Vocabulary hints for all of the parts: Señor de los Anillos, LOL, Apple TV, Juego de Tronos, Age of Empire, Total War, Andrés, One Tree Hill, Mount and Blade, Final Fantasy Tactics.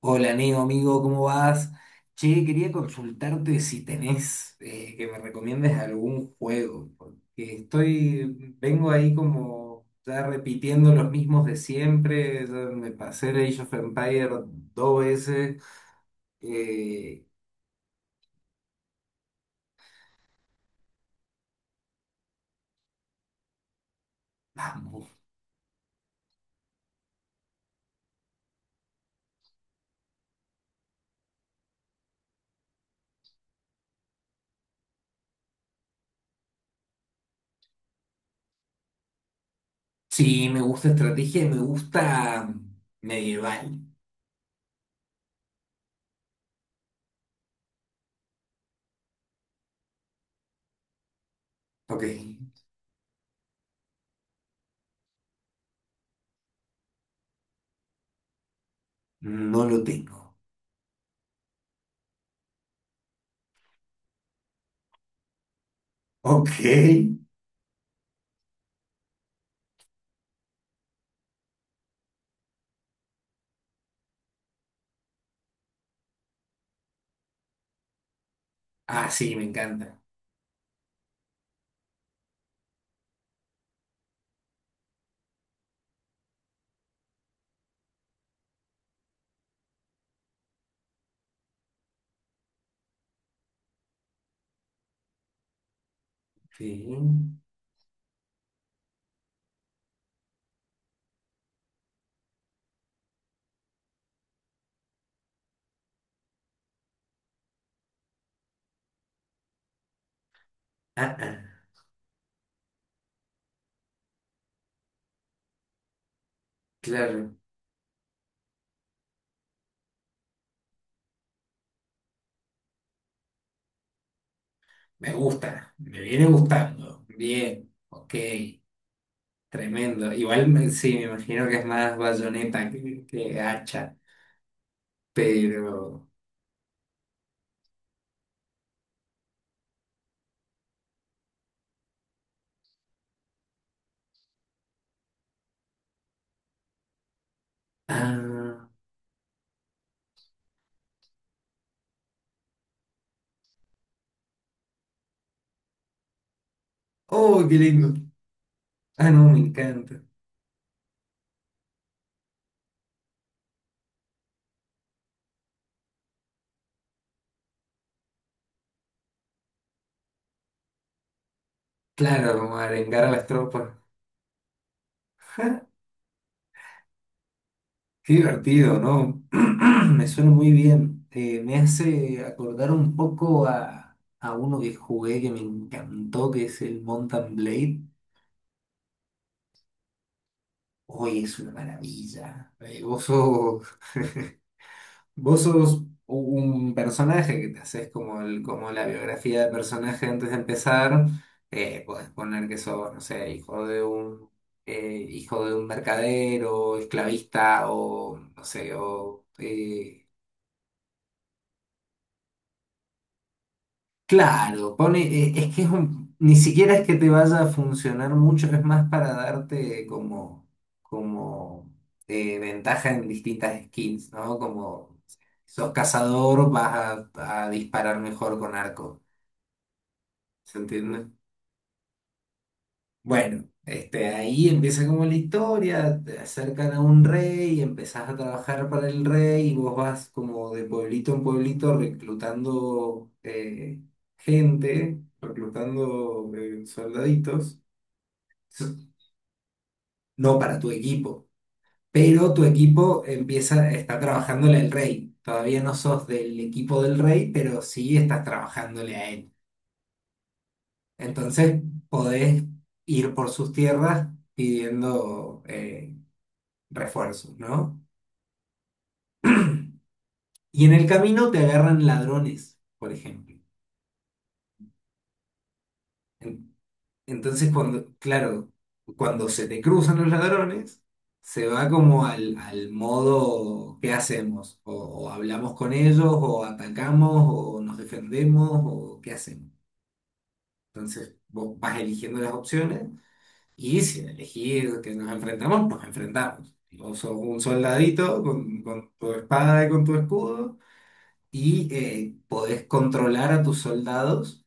Hola, amigo, ¿cómo vas? Che, quería consultarte si tenés que me recomiendes algún juego, porque vengo ahí como ya repitiendo los mismos de siempre, ya me pasé el Age of Empire 2 veces. eh, vamos, sí, me gusta estrategia y me gusta medieval. Ok, no lo tengo. Ok. Ah, sí, me encanta. Sí. Ah, claro. Me gusta, me viene gustando. Bien, ok, tremendo. Sí, me imagino que es más bayoneta que hacha, pero... Ah, oh, qué lindo. Ah, no, me encanta. Claro, como arengar a las tropas. Qué divertido, ¿no? Me suena muy bien. Me hace acordar un poco a uno que jugué que me encantó, que es el Mountain Blade. Hoy es una maravilla. Vos sos... Vos sos un personaje que te haces como, el, como la biografía del personaje antes de empezar. Podés poner que sos, no sé, hijo de un mercader o esclavista o, no sé, o claro, pone, es que es ni siquiera es que te vaya a funcionar mucho, es más para darte como, como ventaja en distintas skins, ¿no? Como si sos cazador, vas a disparar mejor con arco, ¿se entiende? Bueno, este, ahí empieza como la historia, te acercan a un rey, empezás a trabajar para el rey y vos vas como de pueblito en pueblito reclutando gente, reclutando soldaditos, no para tu equipo, pero tu equipo empieza, está trabajándole al rey. Todavía no sos del equipo del rey, pero sí estás trabajándole a él. Entonces podés ir por sus tierras pidiendo... refuerzos, ¿no? Y en el camino te agarran ladrones, por ejemplo. En- Entonces, cuando, claro, cuando se te cruzan los ladrones, se va como al modo, ¿qué hacemos? O hablamos con ellos, o atacamos, o nos defendemos, o ¿qué hacemos? Entonces, vos vas eligiendo las opciones y si elegís que nos enfrentamos, nos enfrentamos. Y vos sos un soldadito con tu espada y con tu escudo y podés controlar a tus soldados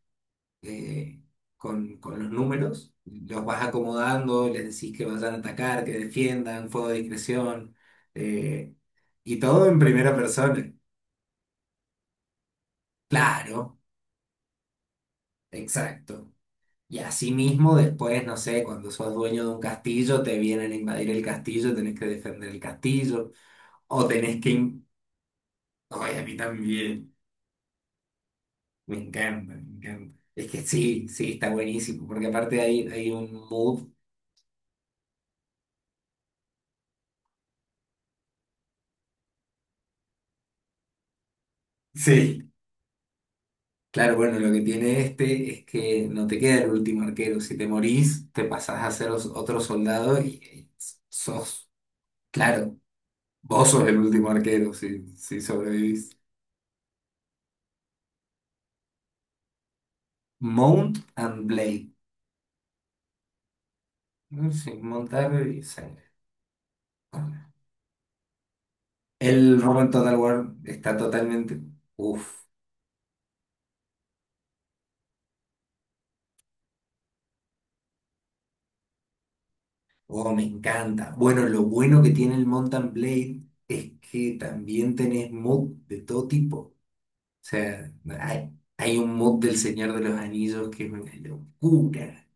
eh, con los números. Los vas acomodando, les decís que vayan a atacar, que defiendan, fuego de discreción, eh, y todo en primera persona. Claro, exacto. Y así mismo después, no sé, cuando sos dueño de un castillo, te vienen a invadir el castillo, tenés que defender el castillo, o tenés que... in- Ay, a mí también, me encanta, me encanta. Es que sí, sí, está buenísimo, porque aparte hay, hay un mood. Sí, claro, bueno, lo que tiene este es que no te queda el último arquero. Si te morís, te pasás a ser otro soldado y sos, claro, vos sos el último arquero si, si sobrevivís. Mount and Blade. Mm, sí, montar y sangre. Bueno, el Roman Total War está totalmente. Uf, oh, me encanta. Bueno, lo bueno que tiene el Mount and Blade es que también tenés mods de todo tipo. O sea, hay, hay un mod del Señor de los Anillos que es una locura.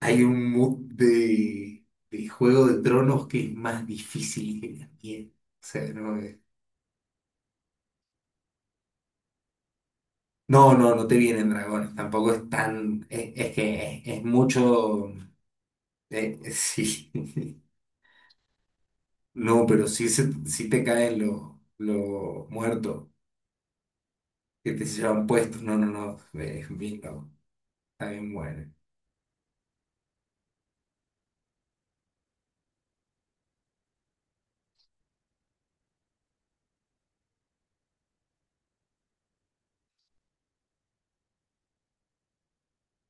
Hay un mod de Juego de Tronos que es más difícil que la mierda. O sea, no, es- no, no, no te vienen dragones. Tampoco es tan. Es que es mucho. Sí. No, pero sí, sí te caen los muertos que te llevan puestos. No, no, no. Es bien loco. Está bien bueno.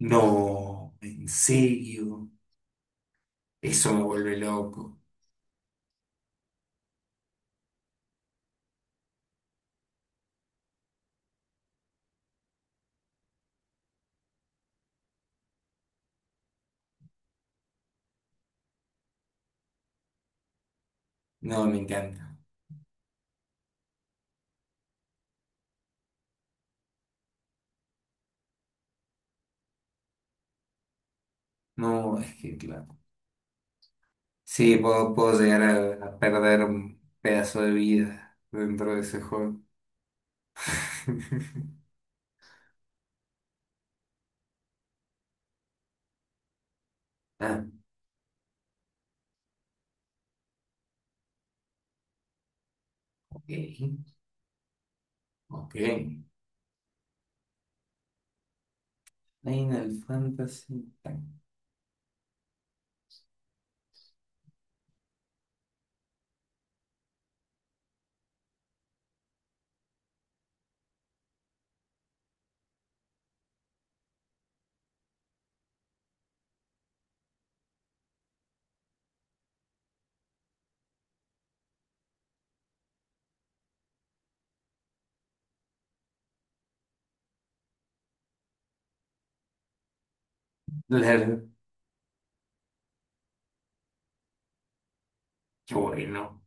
No, en serio. Eso me vuelve loco. No, me encanta. No, es que claro. Sí, puedo, puedo llegar a perder un pedazo de vida dentro de ese juego. Ah, ok, ok. Final Fantasy. Tank. Claro, qué bueno,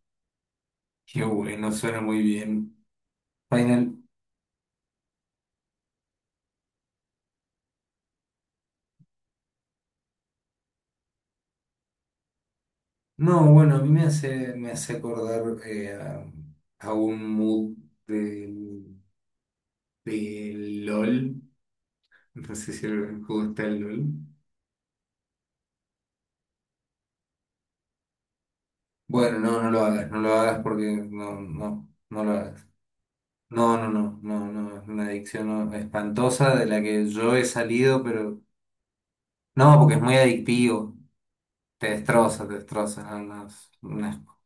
qué bueno, suena muy bien. Final. No, bueno, a mí me hace acordar a un mood del, del LOL. No sé si el juego está el LOL. Bueno, no, no lo hagas, no lo hagas porque no, no, no lo hagas. No, no, no, no, no, es una adicción no, espantosa de la que yo he salido, pero no, porque es muy adictivo, te destroza, no, no, es un asco.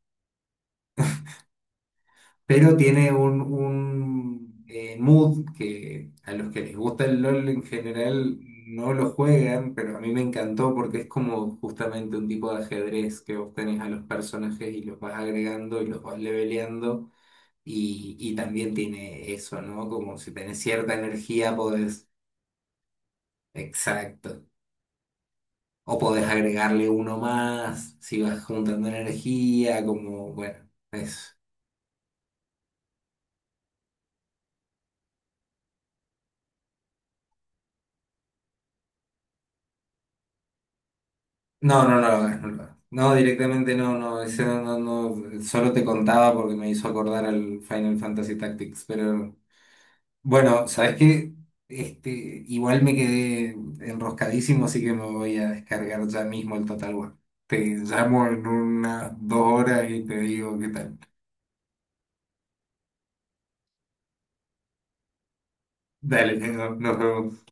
Pero tiene un mood que a los que les gusta el LOL en general no lo juegan, pero a mí me encantó porque es como justamente un tipo de ajedrez que vos tenés a los personajes y los vas agregando y los vas leveleando. Y también tiene eso, ¿no? Como si tenés cierta energía, podés, exacto. O podés agregarle uno más, si vas juntando energía, como, bueno, eso. No, no, no lo hagas, no lo hagas. No, directamente no, no, ese no, no, no, solo te contaba porque me hizo acordar al Final Fantasy Tactics, pero bueno, ¿sabes qué? Este, igual me quedé enroscadísimo, así que me voy a descargar ya mismo el Total War. Te llamo en unas 2 horas y te digo qué tal. Dale, nos vemos.